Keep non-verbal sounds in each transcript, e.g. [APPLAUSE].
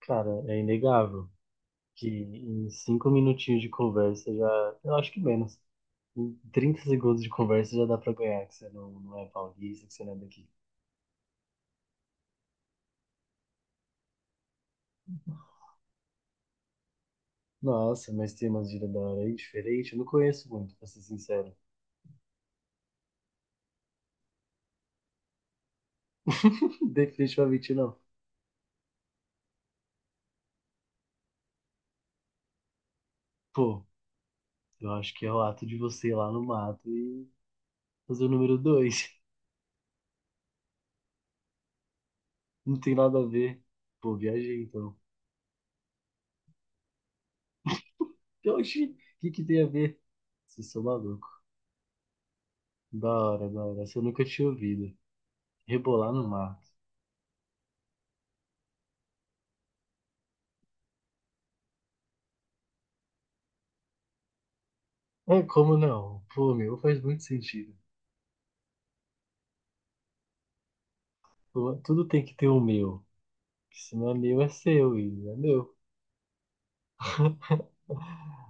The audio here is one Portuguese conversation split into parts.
Cara, é inegável que em 5 minutinhos de conversa já. Eu acho que menos. Em 30 segundos de conversa já dá pra ganhar, que você não é paulista, que você não é daqui. Nossa, mas tem umas gírias da hora aí diferente. Eu não conheço muito, pra ser sincero. [LAUGHS] Definitivamente não. Pô, eu acho que é o ato de você ir lá no mato e fazer o número dois. [LAUGHS] Não tem nada a ver. Pô, viajei então. E Oxi, o que tem a ver? Vocês são malucos. Da hora, da hora. Essa eu nunca tinha ouvido. Rebolar no mato. É, como não? Pô, meu faz muito sentido. Pô, tudo tem que ter o meu. Que Se não é meu, é seu e não é meu. [LAUGHS]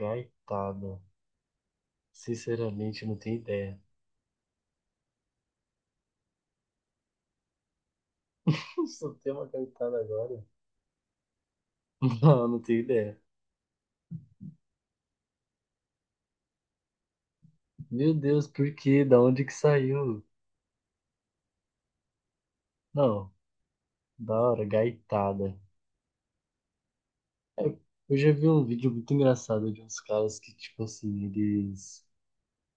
Gaitada. Sinceramente, não tenho ideia. [LAUGHS] Só tem uma gaitada agora? [LAUGHS] Não, não tenho ideia. Meu Deus, por quê? Da onde que saiu? Não, da hora, gaitada. Eu já vi um vídeo muito engraçado de uns caras que, tipo assim, eles.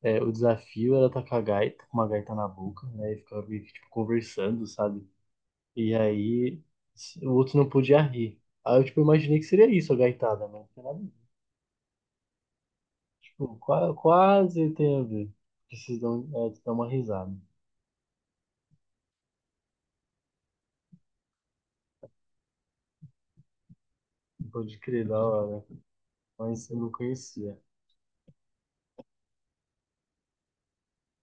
O desafio era tacar a gaita, com uma gaita na boca, né? E ficar meio que, tipo, conversando, sabe? E aí o outro não podia rir. Aí eu tipo, imaginei que seria isso, a gaitada, mas não tem nada, tipo, quase tem a ver. Preciso dar, dar uma risada. Pode crer, da hora. Mas eu não conhecia.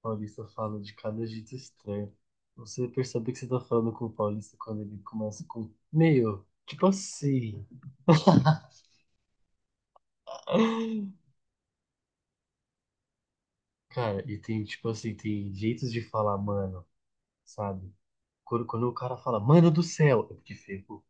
Paulista fala de cada jeito estranho. Você percebe que você tá falando com o paulista quando ele começa com meio, tipo assim. Cara, e tem, tipo assim, tem jeitos de falar, mano, sabe? Quando o cara fala, mano do céu, é porque feio.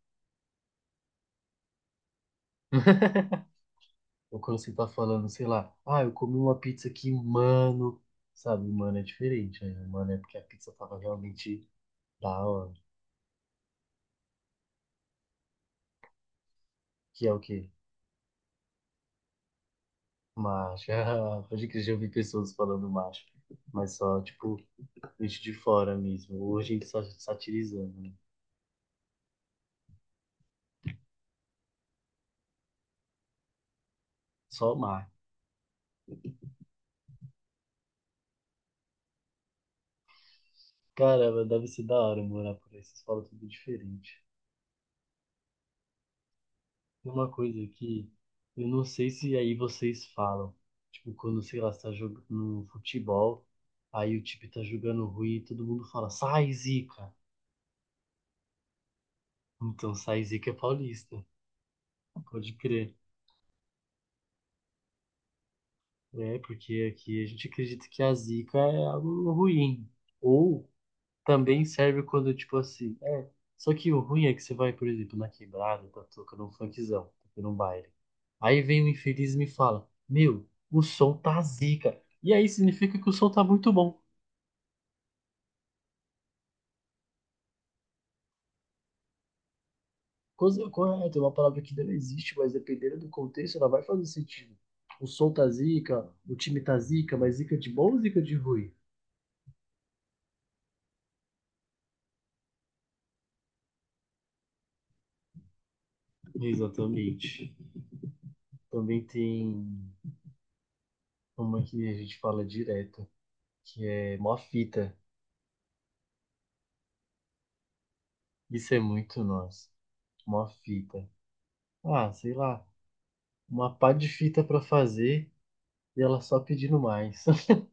Ou quando você tá falando, sei lá, ah, eu comi uma pizza que, mano, sabe, mano, é diferente, né? Mano, é porque a pizza tava realmente da hora. Que é o quê? Macho. [LAUGHS] Ah, pode que eu já ouvi pessoas falando macho. Mas só, tipo, gente de fora mesmo. Hoje a gente só satirizando, né? Só macho. Caramba, deve ser da hora morar por aí. Vocês falam tudo diferente. Uma coisa que eu não sei se aí vocês falam, tipo, quando, sei lá, você tá jogando no futebol, aí o time tá jogando ruim e todo mundo fala, sai, Zica! Então, sai, Zica é paulista, pode crer. É, porque aqui a gente acredita que a zica é algo ruim. Ou também serve quando, tipo assim, é. Só que o ruim é que você vai, por exemplo, na quebrada, tá tocando um funkzão, tá tocando um baile. Aí vem o infeliz e me fala, meu, o som tá zica. E aí significa que o som tá muito bom. Coisa correta, é uma palavra que não existe, mas dependendo do contexto, ela vai fazer sentido. O som tá zica, o time tá zica, mas zica de bom ou zica de ruim? Exatamente. Também tem uma que a gente fala direto, que é mó fita. Isso é muito nosso. Uma fita. Ah, sei lá. Uma pá de fita pra fazer e ela só pedindo mais. [LAUGHS]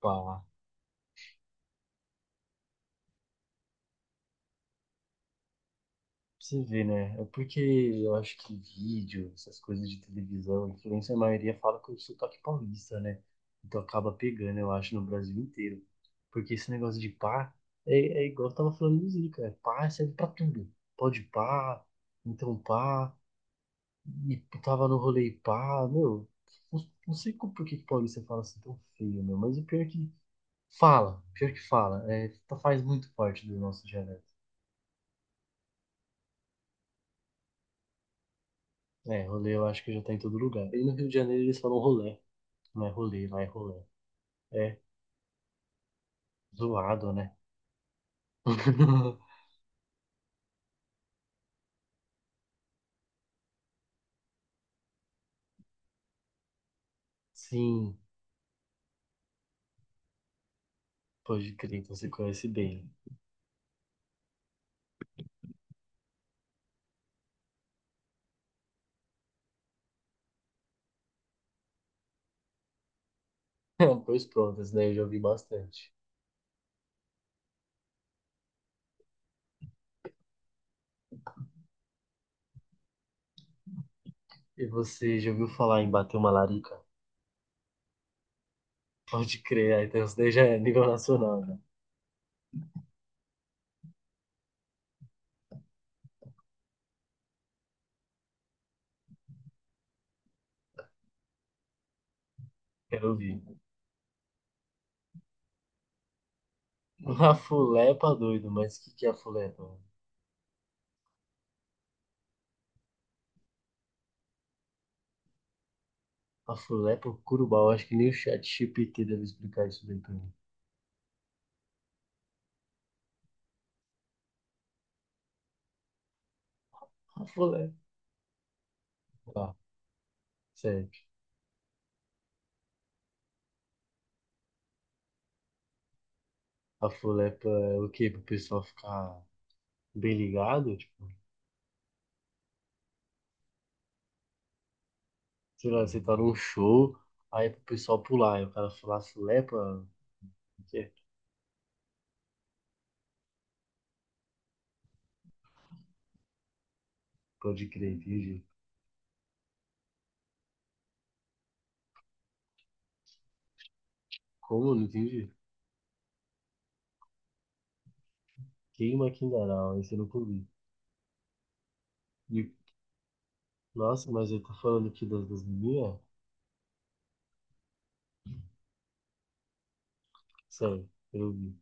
Pá lá. Pra você vê, né? É porque eu acho que vídeo, essas coisas de televisão, influência, a maioria fala com o sotaque paulista, né? Então acaba pegando, eu acho, no Brasil inteiro. Porque esse negócio de pá é, é igual eu tava falando do Zica. É pá serve pra tudo. Pode pá, então pá. E tava no rolê e pá, meu. Não sei como, por que que paulista fala assim tão feio, meu. Mas o pior é que fala, pior que fala. É, faz muito parte do nosso dialeto. É, rolê eu acho que já tá em todo lugar. E no Rio de Janeiro eles falam rolê. Não é rolê, lá é rolê. É, zoado, né? [LAUGHS] Sim, pode crer, então você conhece bem. [LAUGHS] Pois pronto, esse daí eu já ouvi bastante. E você já ouviu falar em bater uma larica? Pode crer, aí então isso daí já é nível nacional, né? Quero ouvir. A fulepa, doido, mas o que, que é a fulepa? A fulepa, o curubau, acho que nem o chat GPT deve explicar isso bem pra mim. A fulepa. Tá, certo. A fulepa é pra, o quê? Pro pessoal ficar bem ligado? Tipo, sei lá, você tá num show, aí é pro pessoal pular, e o cara falar fulepa, o que é? Pode crer, entendi. Como? Não entendi. Queima Kindaral, esse eu não comi. E, nossa, mas eu tô falando aqui das, das meninas? Sério, eu não vi.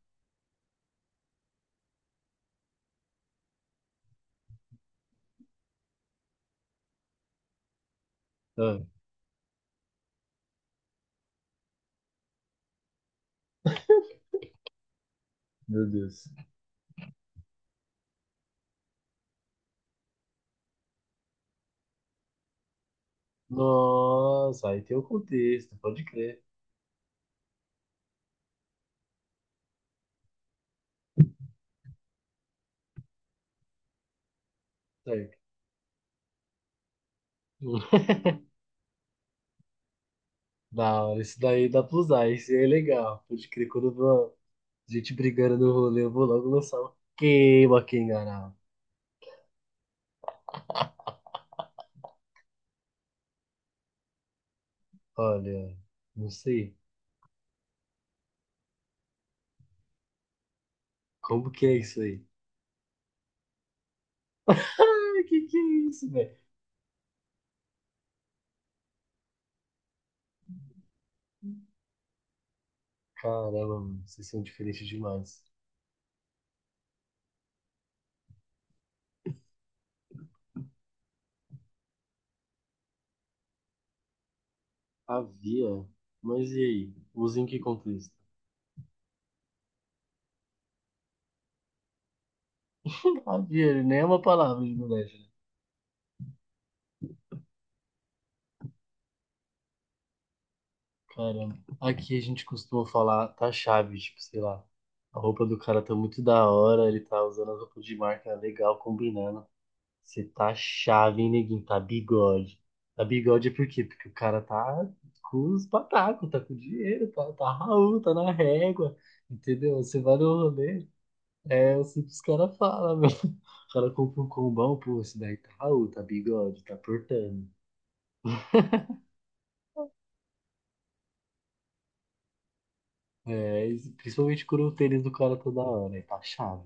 Ah, meu Deus. Nossa, aí tem o contexto, pode crer. Certo. [LAUGHS] Da hora, isso daí dá pra usar, isso aí é legal. Pode crer, quando eu vou gente brigando no rolê, eu vou logo lançar um queima quem enganar. Olha, não sei. Como que é isso aí? Ai, que é isso, velho? Caramba, mano, vocês são diferentes demais. Havia? Mas e aí? Usa em que contexto? Havia, nem é uma palavra de moleque, né? Caramba. Aqui a gente costuma falar, tá chave, tipo, sei lá. A roupa do cara tá muito da hora, ele tá usando a roupa de marca legal, combinando. Você tá chave, hein, neguinho? Tá bigode. Tá bigode é por quê? Porque o cara tá com os patacos, tá com dinheiro, tá Raul, tá na régua, entendeu? Você vai no rolê, é assim que os caras falam, meu. [LAUGHS] O cara compra um combão, pô, esse daí tá Raul, tá bigode, tá portando. É, e principalmente quando o tênis do cara toda hora, aí tá chave.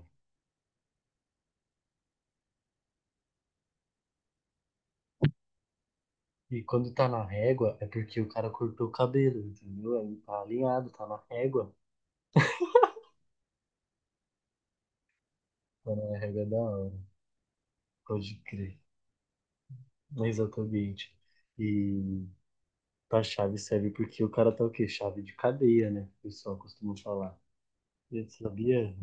E quando tá na régua, é porque o cara cortou o cabelo, entendeu? Aí tá alinhado, tá na régua da hora. Pode crer. Exatamente. E pra chave serve porque o cara tá o quê? Chave de cadeia, né? O pessoal costuma falar. Eu sabia?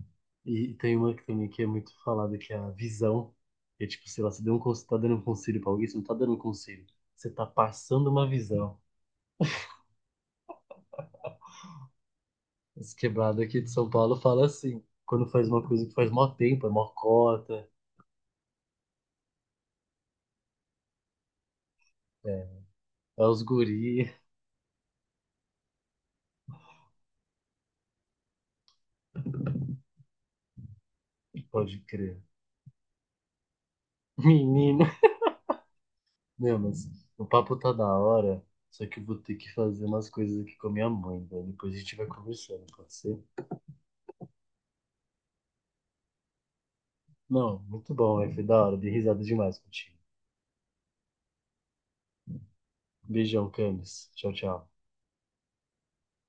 E tem uma que também que é muito falada, que é a visão. É tipo, sei lá, você deu um, tá dando um conselho pra alguém, você não tá dando um conselho. Você tá passando uma visão. Esse quebrado aqui de São Paulo fala assim, quando faz uma coisa que faz mó tempo, é mó cota, é é os guri. [LAUGHS] Pode crer. Menino. Meu, mas o papo tá da hora, só que eu vou ter que fazer umas coisas aqui com a minha mãe, velho. Depois a gente vai conversando, pode ser? Não, muito bom, velho. Foi da hora, dei risada demais contigo. Beijão, Camis. Tchau, tchau.